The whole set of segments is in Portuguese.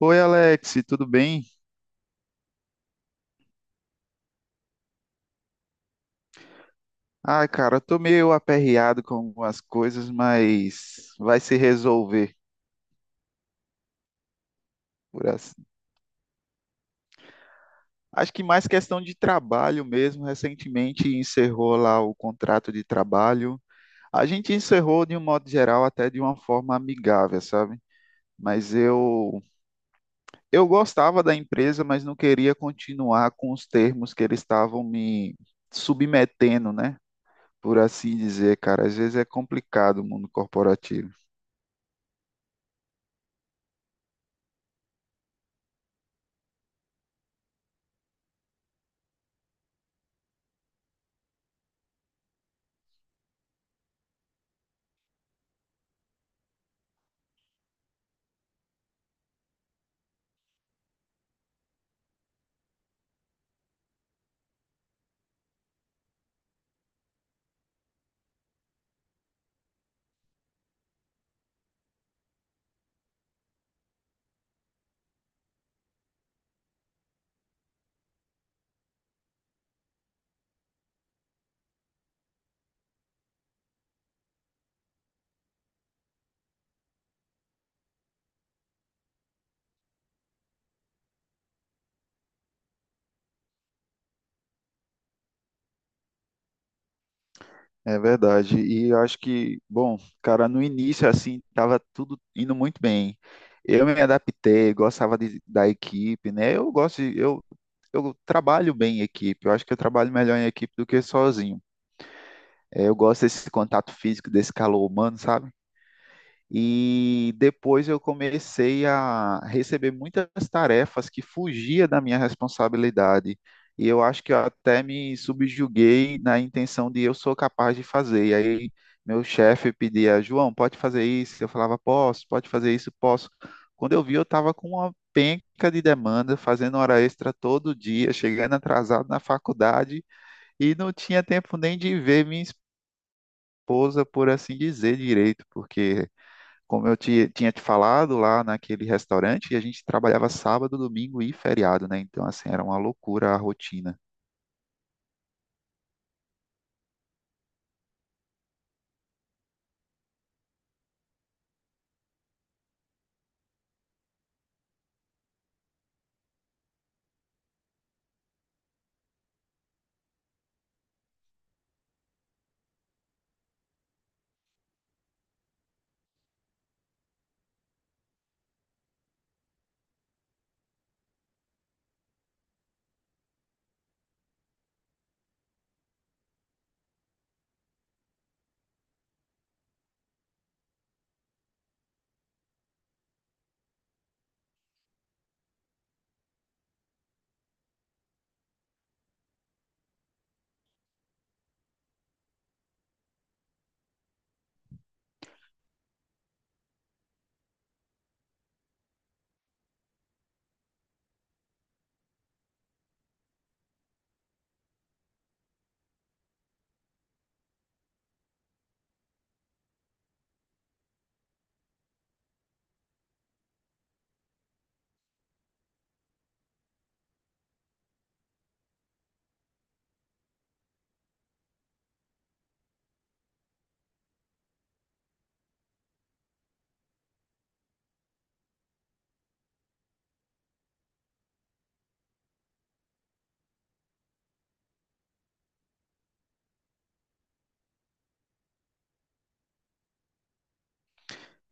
Oi, Alex, tudo bem? Ah, cara, eu tô meio aperreado com algumas coisas, mas vai se resolver por assim. Acho que mais questão de trabalho mesmo. Recentemente encerrou lá o contrato de trabalho. A gente encerrou de um modo geral, até de uma forma amigável, sabe? Mas eu gostava da empresa, mas não queria continuar com os termos que eles estavam me submetendo, né? Por assim dizer, cara. Às vezes é complicado o mundo corporativo. É verdade. E eu acho que, bom, cara, no início, assim, tava tudo indo muito bem. Eu me adaptei, da equipe, né? Eu trabalho bem em equipe. Eu acho que eu trabalho melhor em equipe do que sozinho. É, eu gosto desse contato físico, desse calor humano, sabe? E depois eu comecei a receber muitas tarefas que fugia da minha responsabilidade. E eu acho que eu até me subjuguei na intenção de eu sou capaz de fazer. E aí meu chefe pedia: "João, pode fazer isso?" Eu falava: "Posso." "Pode fazer isso?" "Posso." Quando eu vi, eu estava com uma penca de demanda, fazendo hora extra todo dia, chegando atrasado na faculdade e não tinha tempo nem de ver minha esposa, por assim dizer, direito, porque como tinha te falado lá naquele restaurante, e a gente trabalhava sábado, domingo e feriado, né? Então, assim, era uma loucura a rotina.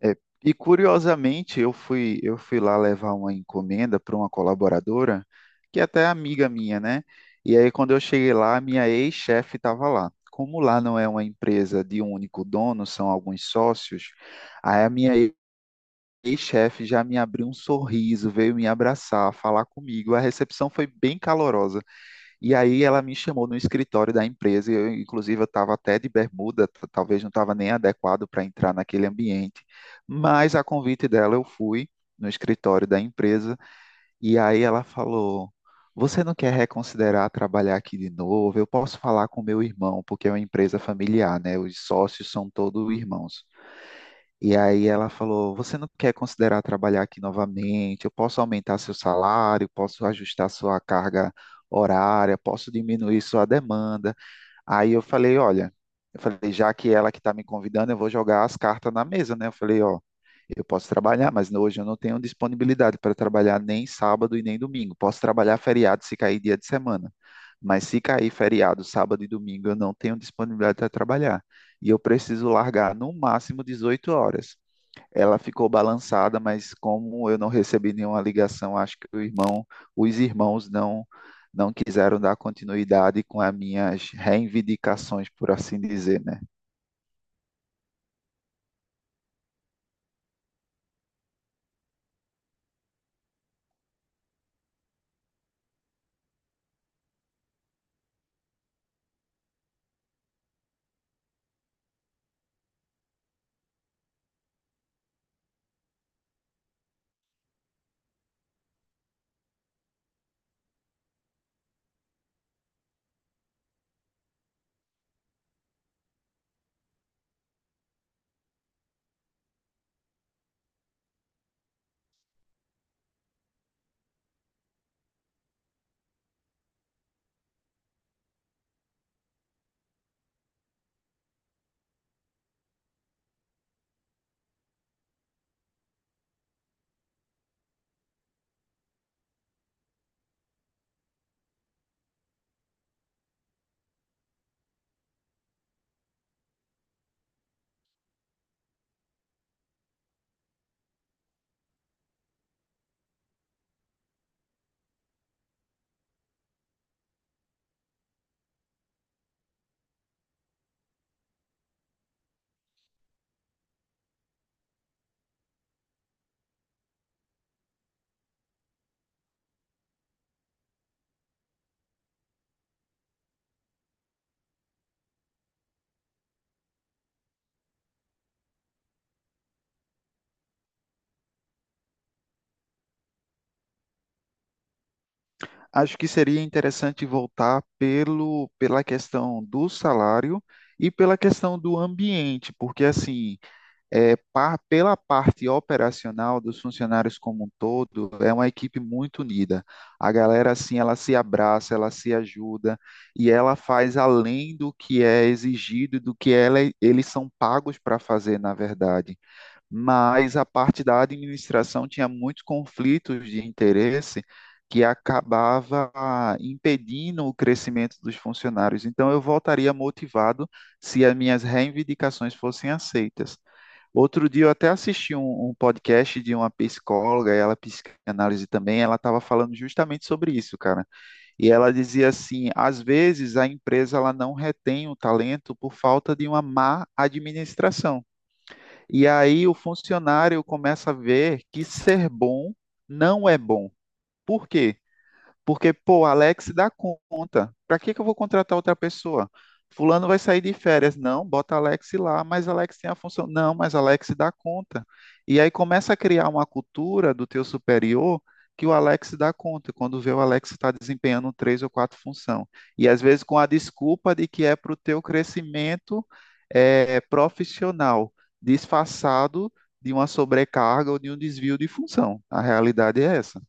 É, e curiosamente, eu fui lá levar uma encomenda para uma colaboradora, que até é amiga minha, né? E aí, quando eu cheguei lá, minha ex-chefe estava lá. Como lá não é uma empresa de um único dono, são alguns sócios, aí a minha ex-chefe já me abriu um sorriso, veio me abraçar, falar comigo. A recepção foi bem calorosa. E aí ela me chamou no escritório da empresa, e eu, inclusive eu estava até de bermuda, talvez não estava nem adequado para entrar naquele ambiente, mas a convite dela eu fui no escritório da empresa e aí ela falou: "Você não quer reconsiderar trabalhar aqui de novo? Eu posso falar com meu irmão, porque é uma empresa familiar, né? Os sócios são todos irmãos." E aí ela falou: "Você não quer considerar trabalhar aqui novamente? Eu posso aumentar seu salário, posso ajustar sua carga horária, posso diminuir sua demanda." Aí eu falei: "Olha", eu falei, já que ela que está me convidando, eu vou jogar as cartas na mesa, né? Eu falei: "Ó, eu posso trabalhar, mas hoje eu não tenho disponibilidade para trabalhar nem sábado e nem domingo. Posso trabalhar feriado se cair dia de semana. Mas se cair feriado, sábado e domingo, eu não tenho disponibilidade para trabalhar. E eu preciso largar no máximo 18 horas." Ela ficou balançada, mas como eu não recebi nenhuma ligação, acho que o irmão, os irmãos não quiseram dar continuidade com as minhas reivindicações, por assim dizer, né? Acho que seria interessante voltar pelo, pela questão do salário e pela questão do ambiente, porque assim, é, pela parte operacional dos funcionários como um todo, é uma equipe muito unida. A galera, assim, ela se abraça, ela se ajuda e ela faz além do que é exigido e do que ela, eles são pagos para fazer, na verdade, mas a parte da administração tinha muitos conflitos de interesse que acabava impedindo o crescimento dos funcionários. Então, eu voltaria motivado se as minhas reivindicações fossem aceitas. Outro dia eu até assisti um podcast de uma psicóloga, ela é psicanálise também, ela estava falando justamente sobre isso, cara. E ela dizia assim, às vezes a empresa ela não retém o talento por falta de uma má administração. E aí o funcionário começa a ver que ser bom não é bom. Por quê? Porque, pô, Alex dá conta. Para que que eu vou contratar outra pessoa? Fulano vai sair de férias. Não, bota Alex lá, mas Alex tem a função. Não, mas Alex dá conta. E aí começa a criar uma cultura do teu superior que o Alex dá conta, quando vê o Alex está desempenhando três ou quatro funções. E às vezes com a desculpa de que é para o teu crescimento é, profissional, disfarçado de uma sobrecarga ou de um desvio de função. A realidade é essa.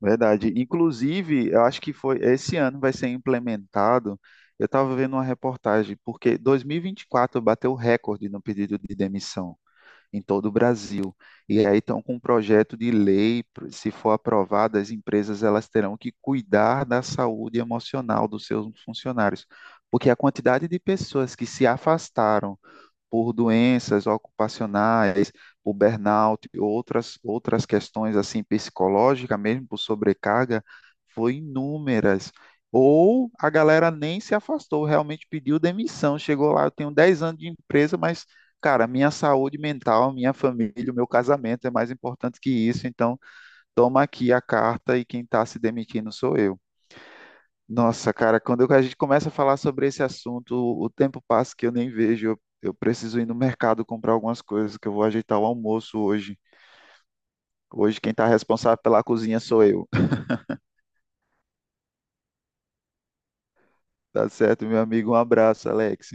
Verdade. Inclusive, eu acho que foi esse ano vai ser implementado. Eu estava vendo uma reportagem, porque 2024 bateu recorde no pedido de demissão em todo o Brasil. E aí estão com um projeto de lei, se for aprovado, as empresas elas terão que cuidar da saúde emocional dos seus funcionários, porque a quantidade de pessoas que se afastaram por doenças ocupacionais, por burnout, outras questões assim psicológicas, mesmo por sobrecarga, foi inúmeras. Ou a galera nem se afastou, realmente pediu demissão, chegou lá, eu tenho 10 anos de empresa, mas, cara, minha saúde mental, minha família, o meu casamento é mais importante que isso, então toma aqui a carta e quem está se demitindo sou eu. Nossa, cara, a gente começa a falar sobre esse assunto, o tempo passa que eu nem vejo. Eu preciso ir no mercado comprar algumas coisas, que eu vou ajeitar o almoço hoje. Hoje quem está responsável pela cozinha sou eu. Tá certo, meu amigo? Um abraço, Alex.